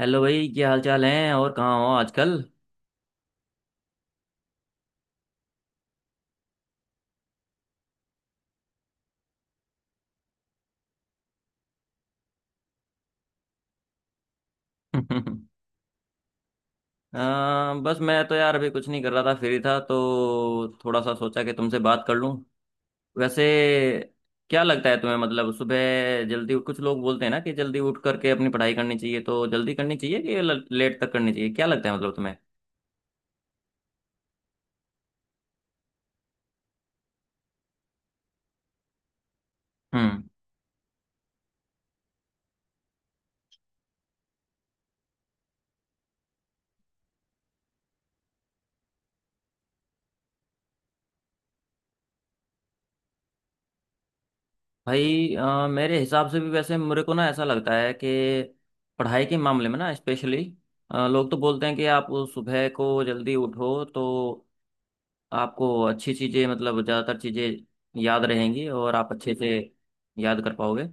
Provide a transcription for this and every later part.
Hello भाई, क्या हाल चाल है? और कहाँ हो आजकल? बस मैं तो यार अभी कुछ नहीं कर रहा था, फ्री था तो थोड़ा सा सोचा कि तुमसे बात कर लूं, वैसे। क्या लगता है तुम्हें, मतलब सुबह जल्दी, कुछ लोग बोलते हैं ना कि जल्दी उठ करके अपनी पढ़ाई करनी चाहिए, तो जल्दी करनी चाहिए कि लेट तक करनी चाहिए? क्या लगता है मतलब तुम्हें? हम्म। भाई मेरे हिसाब से भी, वैसे मेरे को ना ऐसा लगता है कि पढ़ाई के मामले में ना, स्पेशली लोग तो बोलते हैं कि आप सुबह को जल्दी उठो तो आपको अच्छी चीज़ें, मतलब ज़्यादातर चीज़ें याद रहेंगी और आप अच्छे से याद कर पाओगे।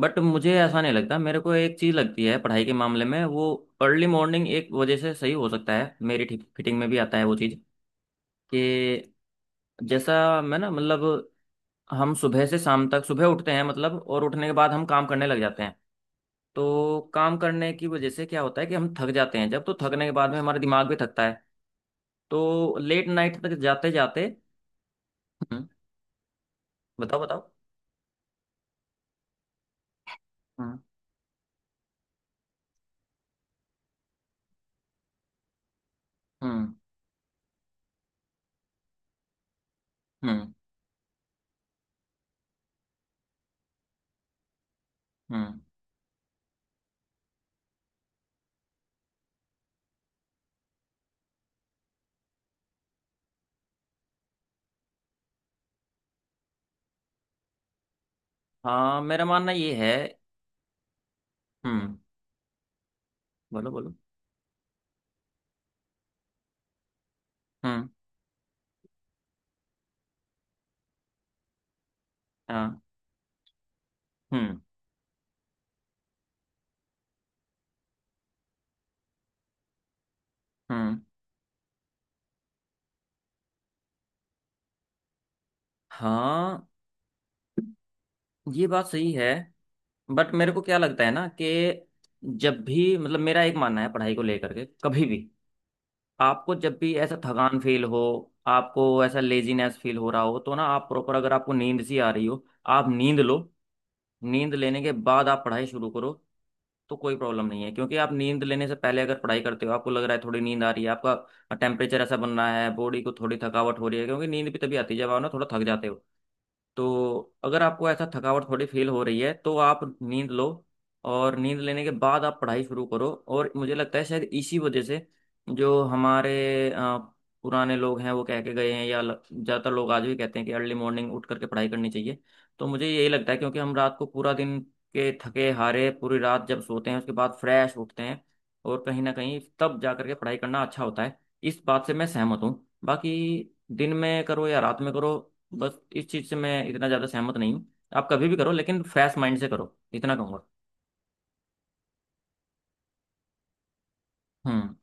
बट मुझे ऐसा नहीं लगता। मेरे को एक चीज़ लगती है पढ़ाई के मामले में, वो अर्ली मॉर्निंग एक वजह से सही हो सकता है, मेरी ठीक फिटिंग में भी आता है वो चीज़, कि जैसा, मैं ना मतलब हम सुबह से शाम तक, सुबह उठते हैं मतलब, और उठने के बाद हम काम करने लग जाते हैं। तो काम करने की वजह से क्या होता है कि हम थक जाते हैं जब, तो थकने के बाद में हमारा दिमाग भी थकता है। तो लेट नाइट तक जाते जाते, बताओ बताओ। हम्म। हम्म। हम्म। हम्म। हाँ, मेरा मानना ये है। हम्म। बोलो बोलो। हम्म। हाँ। हम्म। हम्म। हाँ, ये बात सही है। बट मेरे को क्या लगता है ना कि जब भी, मतलब मेरा एक मानना है पढ़ाई को लेकर के, कभी भी आपको जब भी ऐसा थकान फील हो, आपको ऐसा लेजीनेस फील हो रहा हो, तो ना आप प्रॉपर, अगर आपको नींद सी आ रही हो, आप नींद लो। नींद लेने के बाद आप पढ़ाई शुरू करो तो कोई प्रॉब्लम नहीं है। क्योंकि आप नींद लेने से पहले अगर पढ़ाई करते हो, आपको लग रहा है थोड़ी नींद आ रही है, आपका टेम्परेचर ऐसा बन रहा है, बॉडी को थोड़ी थकावट हो रही है, क्योंकि नींद भी तभी आती है जब आप ना थोड़ा थक जाते हो। तो अगर आपको ऐसा थकावट थोड़ी फील हो रही है तो आप नींद लो। और नींद लेने के बाद आप पढ़ाई शुरू करो। और मुझे लगता है शायद इसी वजह से जो हमारे पुराने लोग हैं, वो कह के गए हैं, या ज़्यादातर लोग आज भी कहते हैं कि अर्ली मॉर्निंग उठ करके पढ़ाई करनी चाहिए। तो मुझे यही लगता है, क्योंकि हम रात को पूरा दिन के थके हारे पूरी रात जब सोते हैं, उसके बाद फ्रेश उठते हैं, और कहीं ना कहीं तब जा करके पढ़ाई करना अच्छा होता है। इस बात से मैं सहमत हूँ। बाकी दिन में करो या रात में करो, बस इस चीज से मैं इतना ज्यादा सहमत नहीं हूँ। आप कभी भी करो, लेकिन फ्रेश माइंड से करो, इतना कहूंगा। हम्म।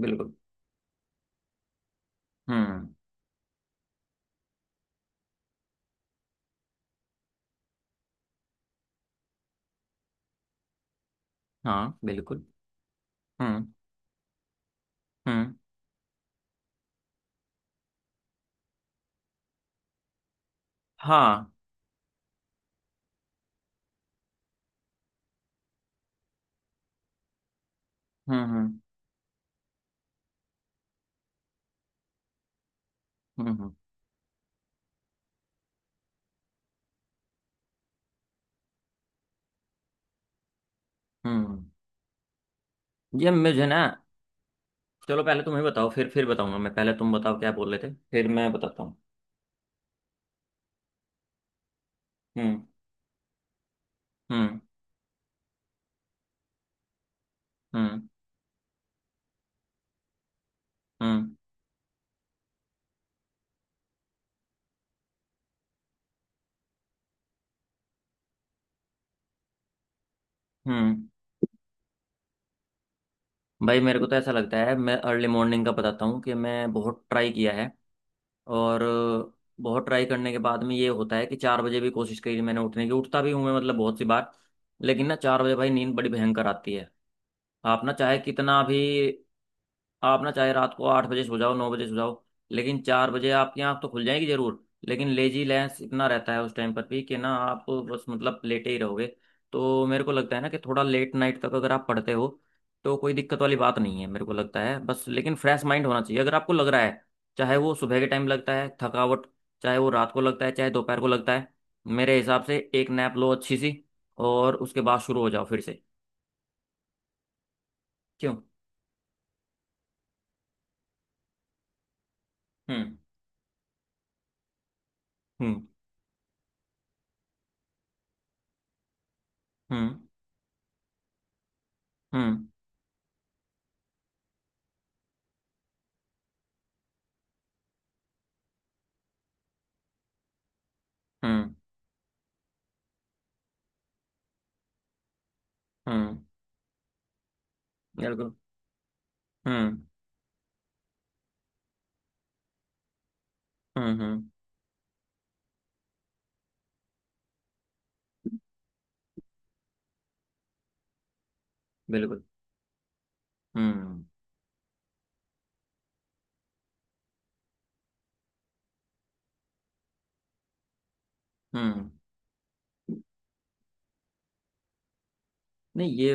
बिल्कुल। हम्म। हाँ, बिल्कुल। हम्म। हम्म। हाँ। हम्म। हम्म। हम्म। हम्म। हम्म। ये मुझे ना, चलो पहले तुम ही बताओ, फिर बताऊंगा मैं। पहले तुम बताओ क्या बोल रहे थे, फिर मैं बताता हूँ। हम्म। हम्म। हम्म। हम्म। हम्म। भाई मेरे को तो ऐसा लगता है, मैं अर्ली मॉर्निंग का बताता हूँ कि मैं बहुत ट्राई किया है और बहुत ट्राई करने के बाद में ये होता है कि 4 बजे भी कोशिश करी मैंने उठने की, उठता भी हूँ मैं मतलब बहुत सी बार, लेकिन ना 4 बजे भाई नींद बड़ी भयंकर आती है। आप ना चाहे कितना भी, आप ना चाहे रात को 8 बजे सो जाओ, 9 बजे सो जाओ, लेकिन 4 बजे आपकी आंख तो खुल जाएगी जरूर, लेकिन लेजी लेंस इतना रहता है उस टाइम पर भी कि ना आप बस मतलब लेटे ही रहोगे। तो मेरे को लगता है ना कि थोड़ा लेट नाइट तक अगर आप पढ़ते हो तो कोई दिक्कत वाली बात नहीं है, मेरे को लगता है। बस लेकिन फ्रेश माइंड होना चाहिए। अगर आपको लग रहा है, चाहे वो सुबह के टाइम लगता है थकावट, चाहे वो रात को लगता है, चाहे दोपहर को लगता है, मेरे हिसाब से एक नैप लो अच्छी सी, और उसके बाद शुरू हो जाओ फिर से। क्यों? हम्म। हम्म। हम्म। हम्म। हम्म। हम्म। बिल्कुल। हम्म। हम्म। हम्म। बिल्कुल। हम्म। हम्म। नहीं, ये,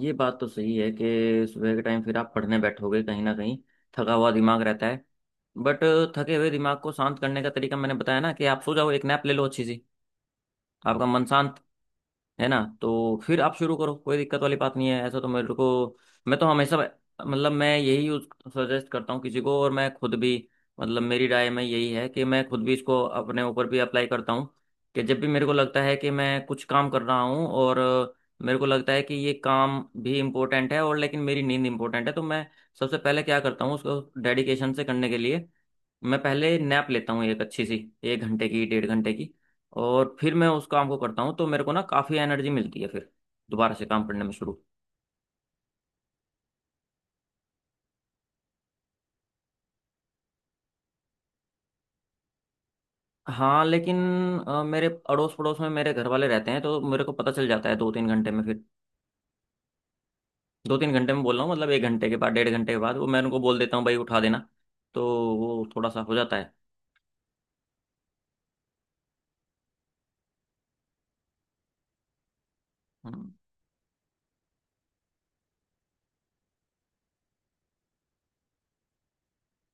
ये बात तो सही है कि सुबह के टाइम फिर आप पढ़ने बैठोगे, कहीं ना कहीं थका हुआ दिमाग रहता है। बट थके हुए दिमाग को शांत करने का तरीका मैंने बताया ना, कि आप सो जाओ, एक नैप ले लो अच्छी सी, आपका मन शांत, है ना? तो फिर आप शुरू करो, कोई दिक्कत वाली बात नहीं है, ऐसा तो मेरे को। मैं तो हमेशा, मतलब मैं यही यूज, सजेस्ट करता हूँ किसी को, और मैं खुद भी, मतलब मेरी राय में यही है, कि मैं खुद भी इसको अपने ऊपर भी अप्लाई करता हूँ। कि जब भी मेरे को लगता है कि मैं कुछ काम कर रहा हूँ, और मेरे को लगता है कि ये काम भी इम्पोर्टेंट है, और लेकिन मेरी नींद इम्पोर्टेंट है, तो मैं सबसे पहले क्या करता हूँ उसको डेडिकेशन से करने के लिए, मैं पहले नैप लेता हूँ एक अच्छी सी, 1 घंटे की, डेढ़ घंटे की, और फिर मैं उस काम को करता हूँ, तो मेरे को ना काफ़ी एनर्जी मिलती है फिर दोबारा से काम करने में शुरू। हाँ लेकिन मेरे अड़ोस पड़ोस में मेरे घर वाले रहते हैं तो मेरे को पता चल जाता है 2-3 घंटे में फिर। 2-3 घंटे में बोल रहा हूँ मतलब 1 घंटे के बाद, डेढ़ घंटे के बाद, वो मैं उनको बोल देता हूँ भाई उठा देना। तो वो थोड़ा सा हो जाता है।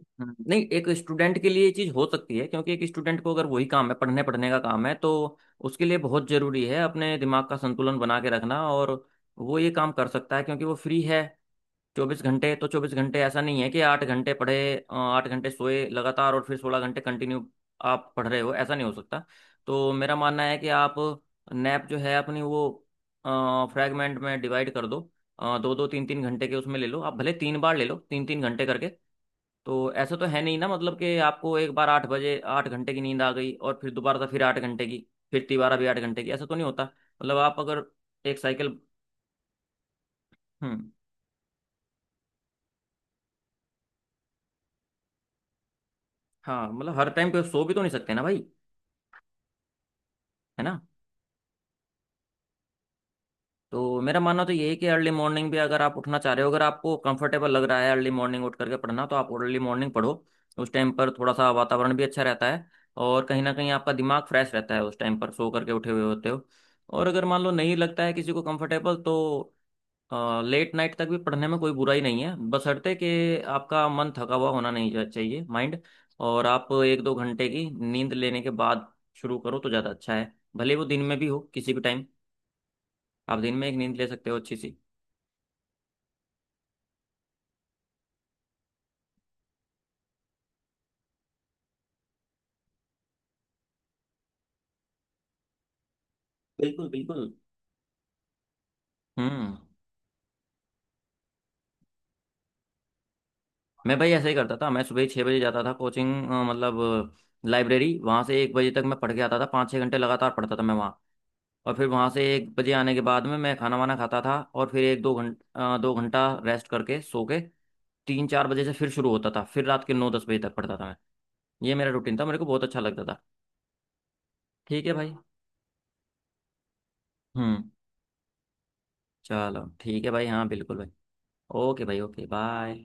हम्म। नहीं, एक स्टूडेंट के लिए ये चीज़ हो सकती है क्योंकि एक स्टूडेंट को अगर वही काम है, पढ़ने पढ़ने का काम है, तो उसके लिए बहुत ज़रूरी है अपने दिमाग का संतुलन बना के रखना। और वो ये काम कर सकता है क्योंकि वो फ्री है 24 घंटे। तो 24 घंटे ऐसा नहीं है कि 8 घंटे पढ़े, 8 घंटे सोए लगातार, और फिर 16 घंटे कंटिन्यू आप पढ़ रहे हो, ऐसा नहीं हो सकता। तो मेरा मानना है कि आप नैप जो है अपनी, वो फ्रैगमेंट में डिवाइड कर दो, दो दो तीन तीन घंटे के उसमें ले लो, आप भले 3 बार ले लो तीन तीन घंटे करके। तो ऐसा तो है नहीं ना, मतलब कि आपको एक बार 8 बजे 8 घंटे की नींद आ गई और फिर दोबारा से फिर 8 घंटे की, फिर तिबारा भी 8 घंटे की, ऐसा तो नहीं होता। मतलब आप अगर एक साइकिल, हम्म। हाँ मतलब हर टाइम पे सो भी तो नहीं सकते ना भाई। है ना? तो मेरा मानना तो यही है कि अर्ली मॉर्निंग भी अगर आप उठना चाह रहे हो, अगर आपको कंफर्टेबल लग रहा है अर्ली मॉर्निंग उठ करके पढ़ना, तो आप अर्ली मॉर्निंग पढ़ो। उस टाइम पर थोड़ा सा वातावरण भी अच्छा रहता है, और कहीं ना कहीं आपका दिमाग फ्रेश रहता है, उस टाइम पर सो करके उठे हुए होते हो। और अगर मान लो नहीं लगता है किसी को कंफर्टेबल, तो लेट नाइट तक भी पढ़ने में कोई बुराई नहीं है, बशर्ते कि आपका मन थका हुआ होना नहीं चाहिए, माइंड। और आप 1-2 घंटे की नींद लेने के बाद शुरू करो तो ज़्यादा अच्छा है, भले वो दिन में भी हो किसी भी टाइम। आप दिन में एक नींद ले सकते हो अच्छी सी। बिल्कुल बिल्कुल। हम्म। मैं भाई ऐसे ही करता था। मैं सुबह 6 बजे जाता था कोचिंग, मतलब लाइब्रेरी, वहाँ से 1 बजे तक मैं पढ़ के आता था, 5-6 घंटे लगातार पढ़ता था मैं। और फिर वहाँ से 1 बजे आने के बाद में मैं खाना वाना खाता था, और फिर 1-2 घंटा, 2 घंटा रेस्ट करके, सो के, 3-4 बजे से फिर शुरू होता था, फिर रात के 9-10 बजे तक पढ़ता था मैं। ये मेरा रूटीन था, मेरे को बहुत अच्छा लगता था। ठीक है भाई। हम्म। चलो ठीक है भाई। हाँ बिल्कुल भाई। ओके भाई, ओके बाय।